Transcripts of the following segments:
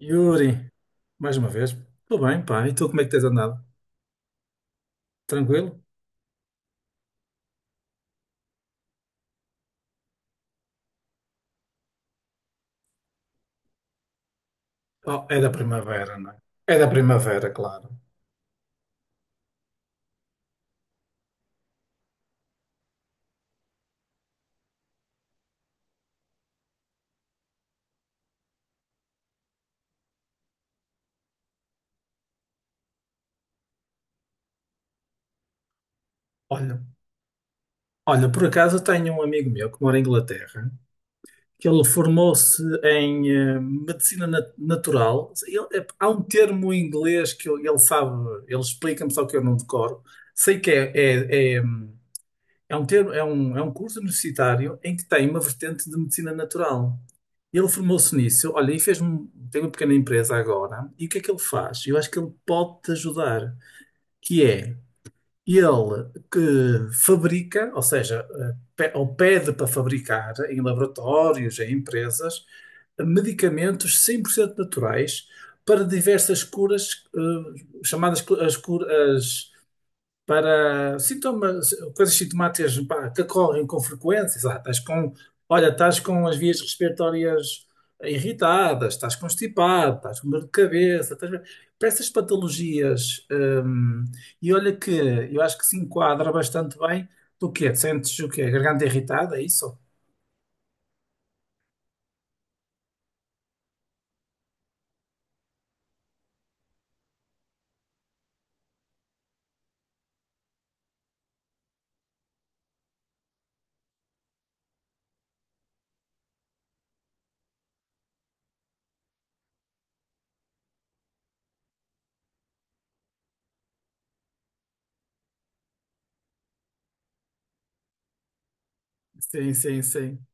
Yuri, mais uma vez, tudo bem, pá, e tu como é que tens andado? Tranquilo? Oh, é da primavera, não é? É da primavera, claro. Olha, por acaso eu tenho um amigo meu que mora em Inglaterra, que ele formou-se em medicina natural. Há um termo em inglês que ele sabe, ele explica-me, só que eu não decoro. Sei que é. É um termo, é um curso universitário em que tem uma vertente de medicina natural. Ele formou-se nisso, olha, e tem uma pequena empresa agora, e o que é que ele faz? Eu acho que ele pode te ajudar, que é ele que fabrica, ou seja, ou pede para fabricar em laboratórios, em empresas, medicamentos 100% naturais para diversas curas, chamadas as curas para sintomas, coisas sintomáticas, pá, que ocorrem com frequência, sei lá, estás com, olha, estás com as vias respiratórias irritadas, estás constipado, estás com dor de cabeça, estás... para essas patologias, e olha que eu acho que se enquadra bastante bem. Do quê? Sentes o quê? Garganta irritada, é isso? Sim, sim, sim.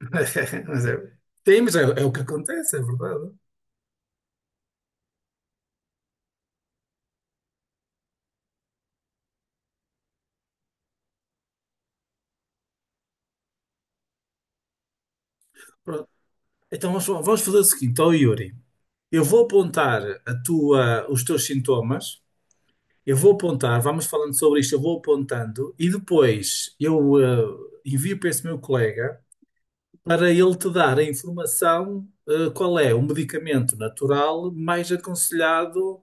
Mas é, sim, mas é o que acontece, é verdade. Então, vamos fazer o seguinte, ó Yuri. Eu vou apontar a os teus sintomas, eu vou apontar, vamos falando sobre isto, eu vou apontando e depois eu envio para esse meu colega para ele te dar a informação, qual é o medicamento natural mais aconselhado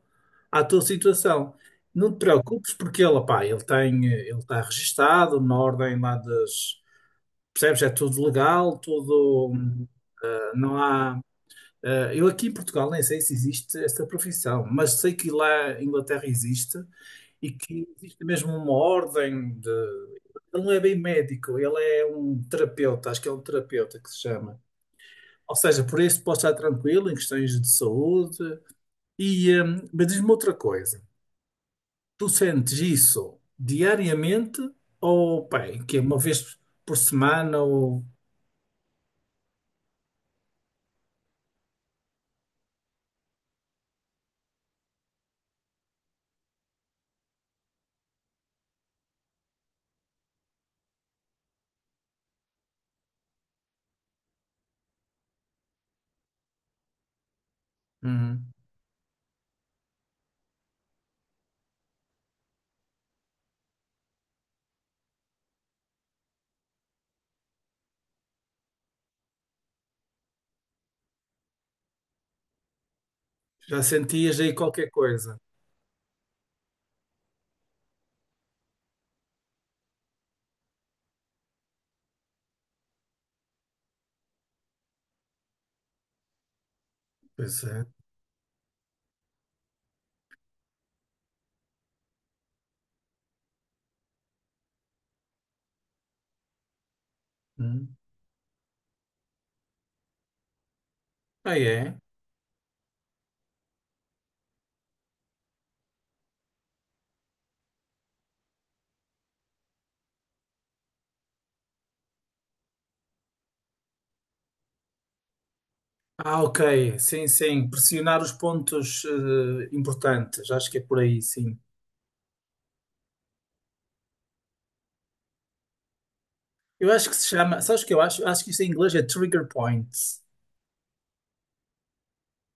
à tua situação. Não te preocupes porque ele, pá, ele tem, ele está registado na ordem lá das, percebes? É tudo legal, tudo, não há eu aqui em Portugal nem sei se existe esta profissão, mas sei que lá em Inglaterra existe e que existe mesmo uma ordem de. Ele não é bem médico, ele é um terapeuta, acho que é um terapeuta que se chama. Ou seja, por isso pode estar tranquilo em questões de saúde. E, eh, mas diz-me outra coisa: tu sentes isso diariamente ou, bem, que é uma vez por semana ou hum, já sentias aí qualquer coisa? Pois é. Hum. Ah, é? Ah, ok. Sim, sim. Pressionar os pontos importantes. Acho que é por aí, sim. Eu acho que se chama. Sabes o que eu acho? Acho que isto em inglês é trigger points.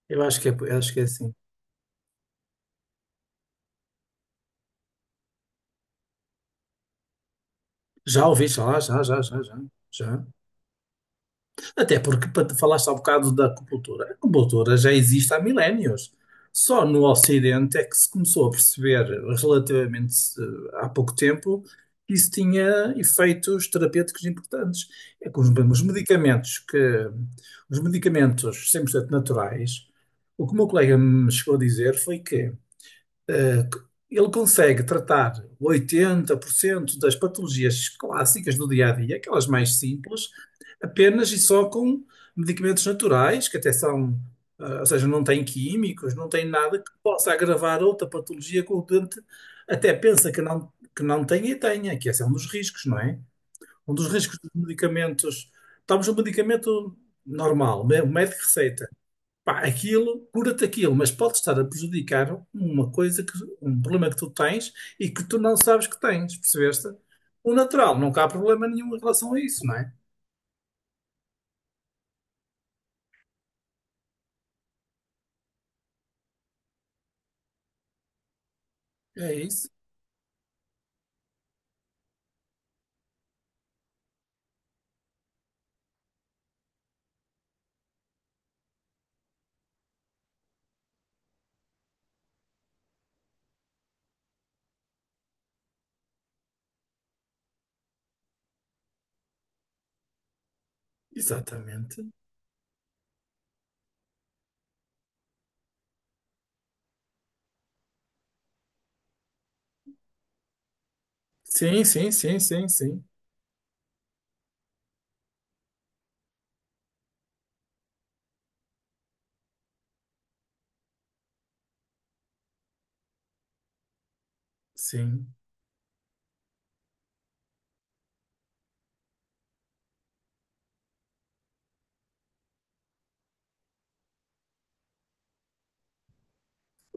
Eu acho que é assim. Já ouviste? Já, já, já, já, já. Já. Até porque para falaste há bocado da acupuntura. A acupuntura já existe há milénios. Só no Ocidente é que se começou a perceber, relativamente, há pouco tempo, que isso tinha efeitos terapêuticos importantes. É que os medicamentos que os medicamentos 100% naturais, o que o meu colega me chegou a dizer foi que eh, ele consegue tratar 80% das patologias clássicas do dia a dia, aquelas mais simples, apenas e só com medicamentos naturais, que até são, ah, ou seja, não têm químicos, não têm nada que possa agravar outra patologia que o doente até pensa que não tem e tenha, que esse é um dos riscos, não é? Um dos riscos dos medicamentos. Estamos no medicamento normal, o médico receita. Pá, aquilo, cura-te aquilo, mas pode estar a prejudicar uma um problema que tu tens e que tu não sabes que tens, percebeste? O natural, nunca há problema nenhum em relação a isso, não é? É isso. Exatamente. Sim, sim, sim, sim, sim, sim.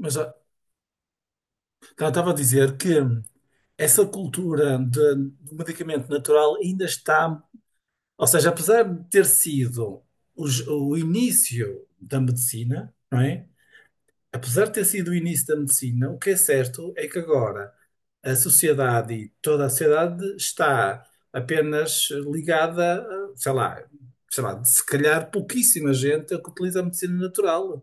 Mas, então, estava a dizer que essa cultura do medicamento natural ainda está, ou seja, apesar de ter sido o início da medicina, não é? Apesar de ter sido o início da medicina, o que é certo é que agora a sociedade e toda a sociedade está apenas ligada, a, sei lá, se calhar pouquíssima gente é que utiliza a medicina natural.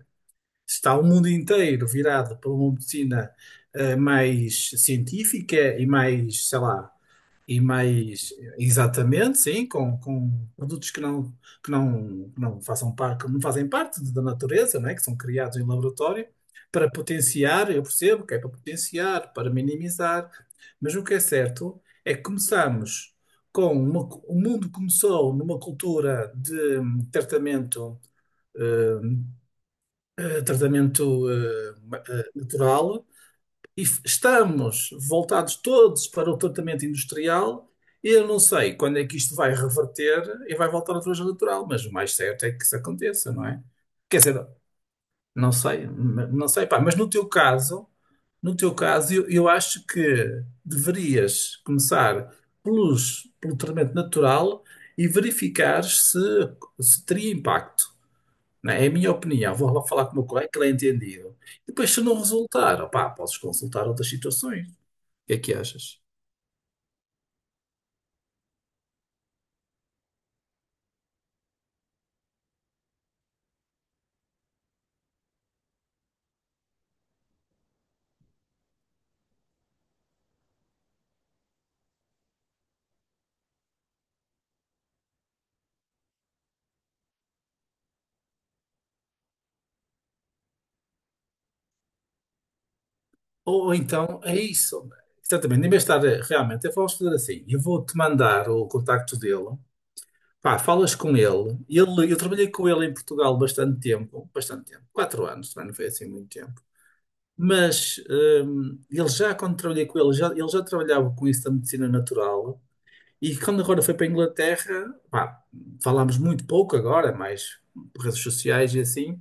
Está o mundo inteiro virado para uma medicina mais científica e mais, sei lá, e mais, exatamente, sim, com produtos que não, que não façam par, que não fazem parte da natureza, né? Que são criados em laboratório para potenciar, eu percebo que é para potenciar, para minimizar, mas o que é certo é que começamos com uma, o mundo começou numa cultura de tratamento, hum, tratamento, natural estamos voltados todos para o tratamento industrial. E eu não sei quando é que isto vai reverter e vai voltar outra vez ao natural, mas o mais certo é que isso aconteça, não é? Quer dizer, não sei, não sei, pá, mas no teu caso, no teu caso, eu acho que deverias começar pelo tratamento natural e verificar se teria impacto. Não É É a minha opinião. Vou lá falar com o meu colega, que ele é entendido. Depois, se não resultar, opá, podes consultar outras situações. O que é que achas? Ou então é isso. Exatamente. Em vez de estar, realmente, eu vamos fazer assim. Eu vou-te mandar o contacto dele. Pá, falas com ele. Ele, eu trabalhei com ele em Portugal bastante tempo, 4 anos, também não foi assim muito tempo. Mas ele já, quando trabalhei com ele já trabalhava com isso da medicina natural. E quando agora foi para a Inglaterra, pá, falámos muito pouco agora, mais por redes sociais e assim.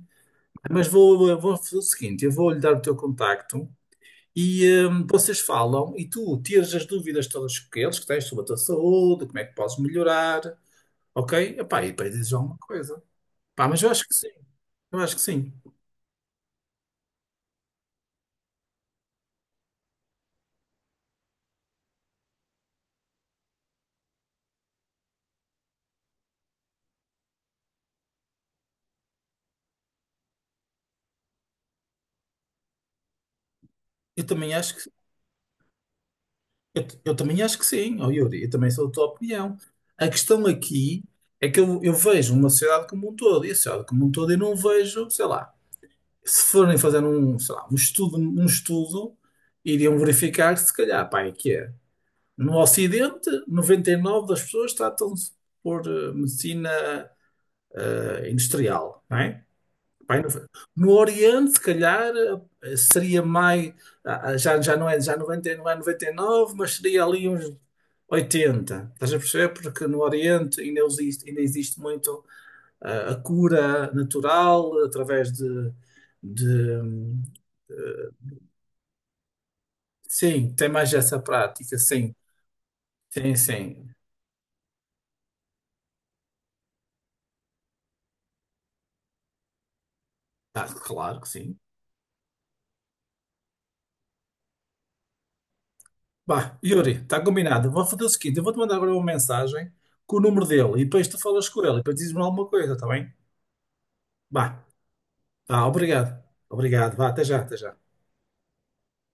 Mas vou, vou fazer o seguinte: eu vou-lhe dar o teu contacto. E, vocês falam e tu tiras as dúvidas todas que eles que tens sobre a tua saúde, como é que podes melhorar, ok? Epá, e depois dizes alguma coisa. Pá, mas eu acho que sim, eu acho que sim. Eu também acho eu também acho que sim, ó Yuri, eu também sou da tua opinião. A questão aqui é que eu vejo uma sociedade como um todo, e a sociedade como um todo eu não vejo, sei lá, se forem fazer um, sei lá, um estudo, iriam verificar se calhar, pá, é que é. No Ocidente, 99 das pessoas tratam-se por medicina industrial, não é? Vai No no Oriente, se calhar, seria mais, já, já não é, já 90, não é 99, mas seria ali uns 80. Estás a perceber? Porque no Oriente ainda existe muito, a cura natural através de, eh, sim, tem mais essa prática, sim, sim, sim. Ah, claro que sim. Bah, Yuri, está combinado. Vou fazer o seguinte: eu vou-te mandar agora uma mensagem com o número dele e depois tu falas com ele e depois dizes-me alguma coisa, está bem? Bah, tá, obrigado. Obrigado, vá, até já, até já.